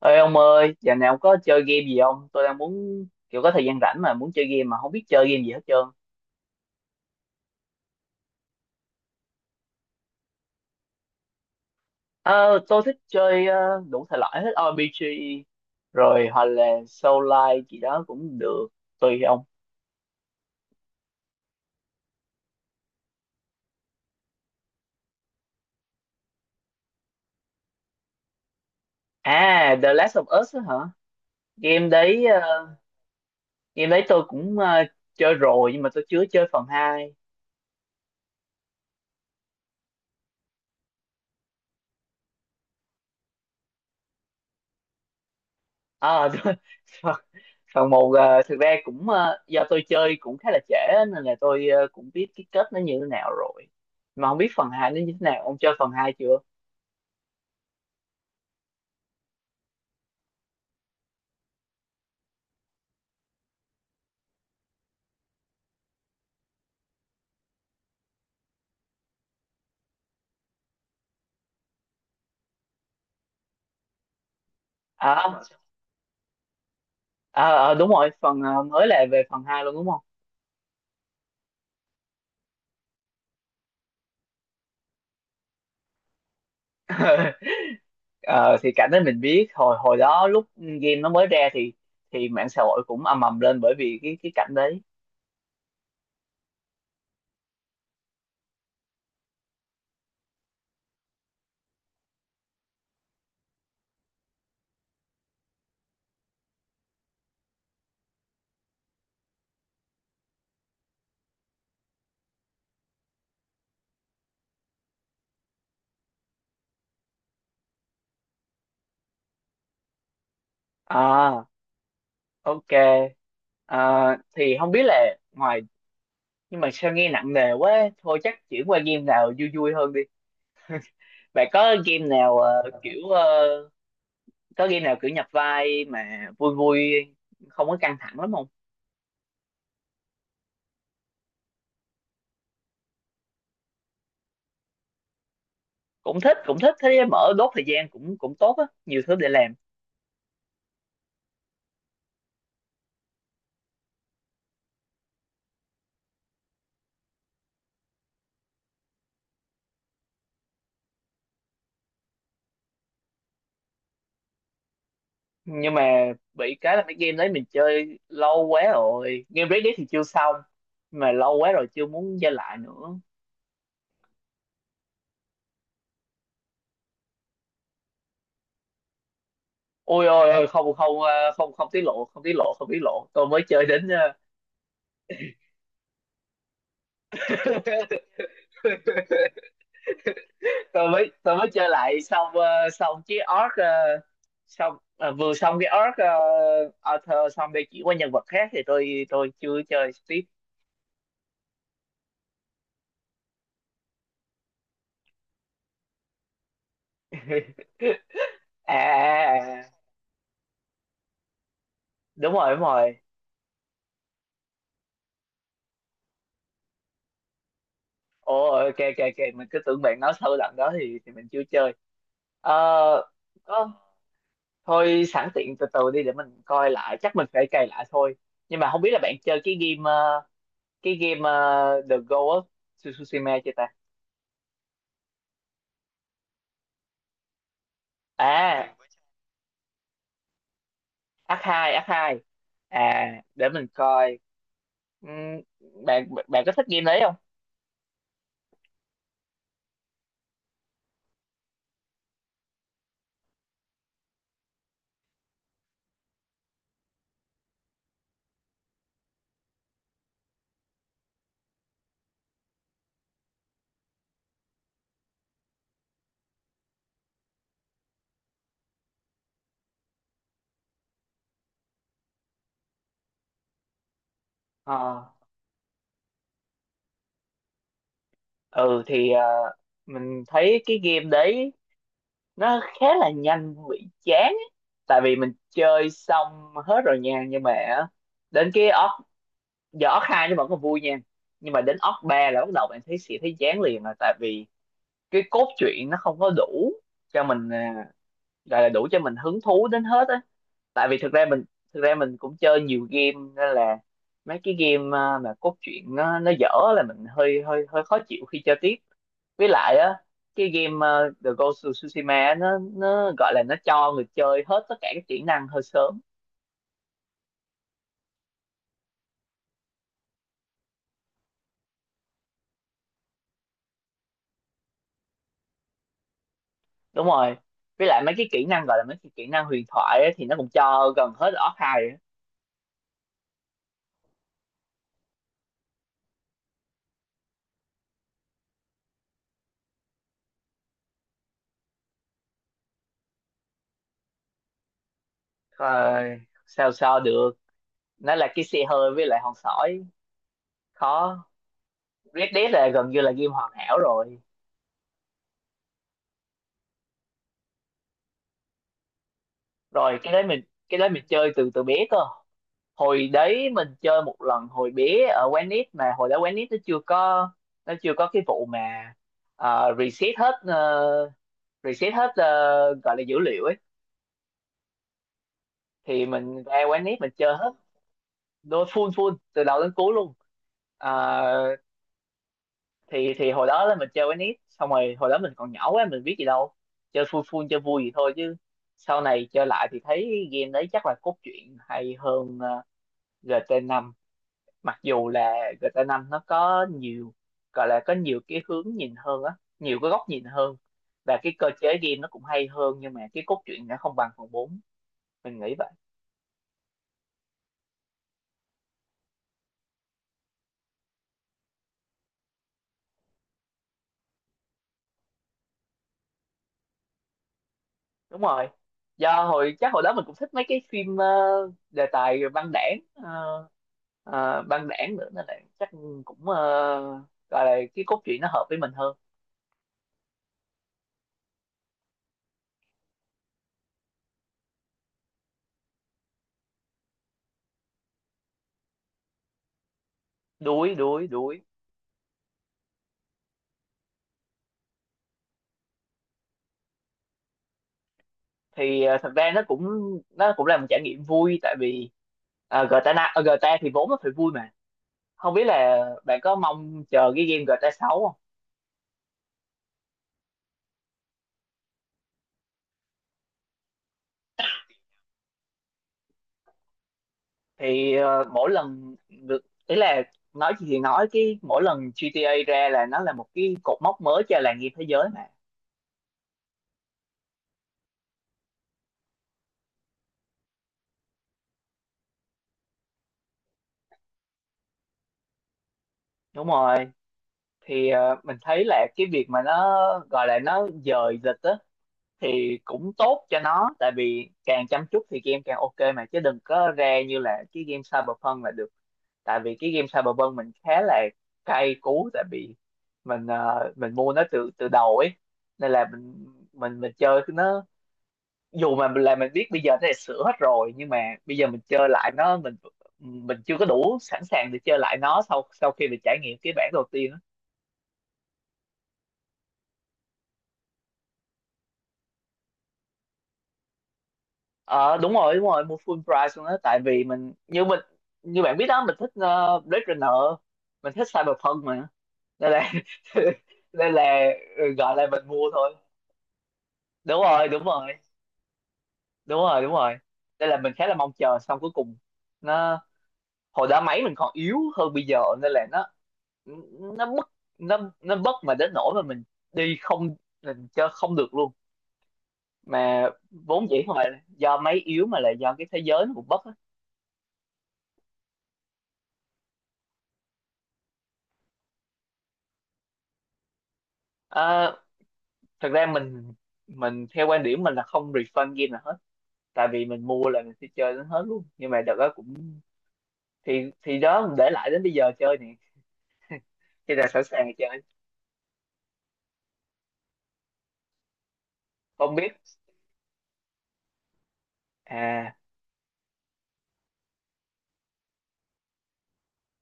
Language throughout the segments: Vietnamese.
Ê ông ơi, giờ nào có chơi game gì không? Tôi đang muốn kiểu có thời gian rảnh mà muốn chơi game mà không biết chơi game gì hết trơn. Ờ, tôi thích chơi đủ thể loại hết, RPG rồi hoặc là Soul Like gì đó cũng được, tùy ông. À, The Last of Us á hả? Game đấy game đấy tôi cũng chơi rồi, nhưng mà tôi chưa chơi phần hai. À, tôi, phần một thực ra cũng do tôi chơi cũng khá là trễ á, nên là tôi cũng biết cái kết nó như thế nào rồi, mà không biết phần hai nó như thế nào. Ông chơi phần hai chưa? À, à, ờ, đúng rồi, phần mới là về phần hai luôn đúng không? Ờ, thì cảnh đó mình biết hồi hồi đó lúc game nó mới ra thì mạng xã hội cũng ầm ầm lên, bởi vì cái cảnh đấy. À, ok. Ờ, thì không biết là ngoài, nhưng mà sao nghe nặng nề quá, thôi chắc chuyển qua game nào vui vui hơn. Bạn có game nào kiểu có game nào kiểu nhập vai mà vui vui, không có căng thẳng lắm không? Cũng thích thế mở, đốt thời gian cũng cũng tốt á, nhiều thứ để làm. Nhưng mà bị cái là mấy game đấy mình chơi lâu quá rồi. Game Red Dead thì chưa xong mà lâu quá rồi chưa muốn chơi lại nữa. Ôi ôi ôi, không không, không không tiết lộ, không tiết lộ, không tiết lộ. Tôi mới chơi đến ờ, tôi mới chơi lại xong, xong chiếc orc, xong vừa xong cái orc, author, xong để chuyển qua nhân vật khác thì tôi chưa chơi tiếp. À, à, à, đúng rồi đúng rồi. Ồ, ok ok ok, mình cứ tưởng bạn nói sâu lần đó thì mình chưa chơi. ờ có- thôi sẵn tiện từ từ đi để mình coi lại, chắc mình phải cày lại thôi. Nhưng mà không biết là bạn chơi cái game The Ghost of Tsushima chưa ta? À, ác hai ác hai. À, để mình coi. Ừm, bạn bạn có thích game đấy không? Ờ, ừ, thì mình thấy cái game đấy nó khá là nhanh bị chán ấy. Tại vì mình chơi xong hết rồi nha, nhưng mà á, đến cái orc, giờ orc hai nó vẫn còn vui nha, nhưng mà đến orc ba là bắt đầu bạn thấy sẽ thấy chán liền rồi. Tại vì cái cốt truyện nó không có đủ cho mình, gọi là đủ cho mình hứng thú đến hết á. Tại vì thực ra mình cũng chơi nhiều game, nên là mấy cái game, mà cốt truyện nó dở là mình hơi hơi hơi khó chịu khi chơi tiếp. Với lại á, cái game, The Ghost of Tsushima á, nó gọi là nó cho người chơi hết tất cả các kỹ năng hơi sớm. Đúng rồi, với lại mấy cái kỹ năng, gọi là mấy cái kỹ năng huyền thoại á, thì nó cũng cho gần hết ở Orc 2 á. Rồi, sao sao được, nó là cái xe hơi với lại hòn sỏi, khó. Red Dead là gần như là game hoàn hảo rồi. Rồi cái đấy mình chơi từ từ bé cơ. Hồi đấy mình chơi một lần hồi bé ở quán nít, mà hồi đó quán nít nó chưa có cái vụ mà ờ, reset hết ờ, reset hết, gọi là dữ liệu ấy. Thì mình ra quán nít mình chơi hết, đôi full full từ đầu đến cuối luôn. Ờ, thì hồi đó là mình chơi quán nít xong rồi, hồi đó mình còn nhỏ quá, mình biết gì đâu, chơi full full chơi vui gì thôi chứ. Sau này chơi lại thì thấy game đấy chắc là cốt truyện hay hơn gt năm, mặc dù là GTA 5 nó có nhiều, gọi là có nhiều cái hướng nhìn hơn á, nhiều cái góc nhìn hơn, và cái cơ chế game nó cũng hay hơn, nhưng mà cái cốt truyện nó không bằng phần bốn, mình nghĩ vậy. Đúng rồi, do hồi chắc hồi đó mình cũng thích mấy cái phim, đề tài băng đảng, băng đảng nữa, nên là chắc cũng, gọi là cái cốt truyện nó hợp với mình hơn. Đuối đuối đuối. Thì thật ra nó cũng, là một trải nghiệm vui, tại vì GTA GTA thì vốn nó phải vui mà. Không biết là bạn có mong chờ cái game GTA 6 không? Thì mỗi lần được ý là, nói gì thì nói, cái mỗi lần GTA ra là nó là một cái cột mốc mới cho làng game thế giới mà. Đúng rồi. Thì mình thấy là cái việc mà nó, gọi là nó dời lịch á, thì cũng tốt cho nó. Tại vì càng chăm chút thì game càng ok mà, chứ đừng có ra như là cái game Cyberpunk là được. Tại vì cái game Cyberpunk mình khá là cay cú. Tại vì mình, mình mua nó từ từ đầu ấy, nên là mình chơi cái nó, dù mà là mình biết bây giờ nó đã sửa hết rồi, nhưng mà bây giờ mình chơi lại nó, mình chưa có đủ sẵn sàng để chơi lại nó sau sau khi mình trải nghiệm cái bản đầu tiên á. Ờ, đúng rồi đúng rồi, mua full price luôn đó. Tại vì mình, như bạn biết đó, mình thích Blade Runner, mình thích Cyberpunk mà, nên là nên là, ừ, gọi là mình mua thôi. Đúng rồi đúng rồi đúng rồi đúng rồi, đây là mình khá là mong chờ, xong cuối cùng nó, hồi đó máy mình còn yếu hơn bây giờ nên là nó bất nó bất mà đến nỗi mà mình đi không mình chơi không được luôn, mà vốn dĩ không phải là do máy yếu mà là do cái thế giới nó cũng bất á. À, thật ra mình theo quan điểm mình là không refund game nào hết. Tại vì mình mua là mình sẽ chơi đến hết luôn, nhưng mà đợt đó cũng, thì đó mình để lại đến bây giờ chơi nè. Cho là sẵn sàng chơi. Không biết, à,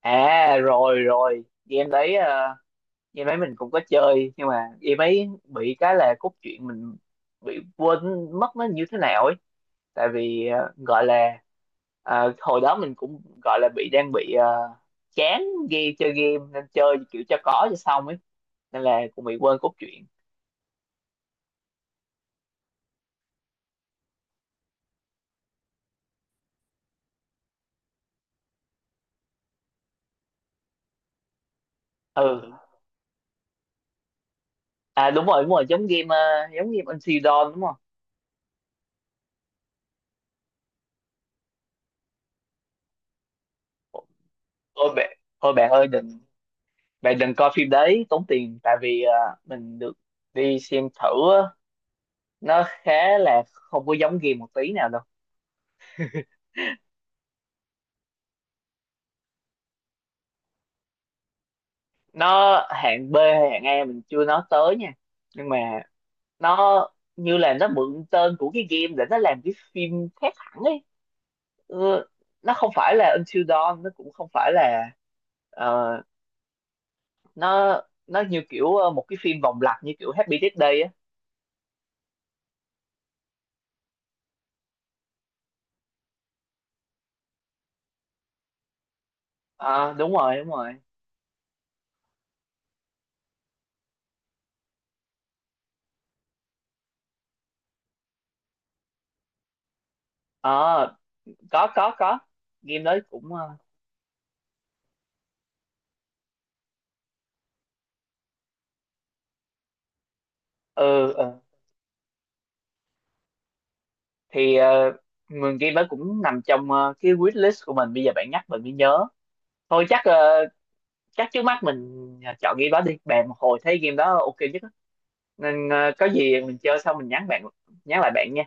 à, rồi rồi, game đấy mình cũng có chơi, nhưng mà game ấy bị cái là cốt truyện mình bị quên mất nó như thế nào ấy. Tại vì gọi là hồi đó mình cũng gọi là bị, đang bị chán game, chơi game nên chơi kiểu cho có cho xong ấy. Nên là cũng bị quên cốt truyện. Ừ, à, đúng rồi đúng rồi, giống game, Until Dawn đúng không? Ôi bạn, ôi bạn ơi đừng, bạn đừng coi phim đấy, tốn tiền. Tại vì mình được đi xem thử, nó khá là không có giống game một tí nào đâu. Nó hạng B hay hạng A mình chưa nói tới nha, nhưng mà nó, như là nó mượn tên của cái game để nó làm cái phim khác hẳn ấy. Ừ, nó không phải là Until Dawn, nó cũng không phải là ờ, nó, như kiểu một cái phim vòng lặp như kiểu Happy Death Day á. Ờ, đúng rồi đúng rồi. Ờ, có, game đấy cũng ừ ừ. Thì mười game đó cũng nằm trong cái wish list của mình, bây giờ bạn nhắc mình mới nhớ. Thôi chắc trước mắt mình chọn game đó đi bạn, một hồi thấy game đó ok nhất á. Nên có gì mình chơi xong mình nhắn lại bạn nha.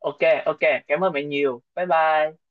Ok ok, cảm ơn bạn nhiều, bye bye.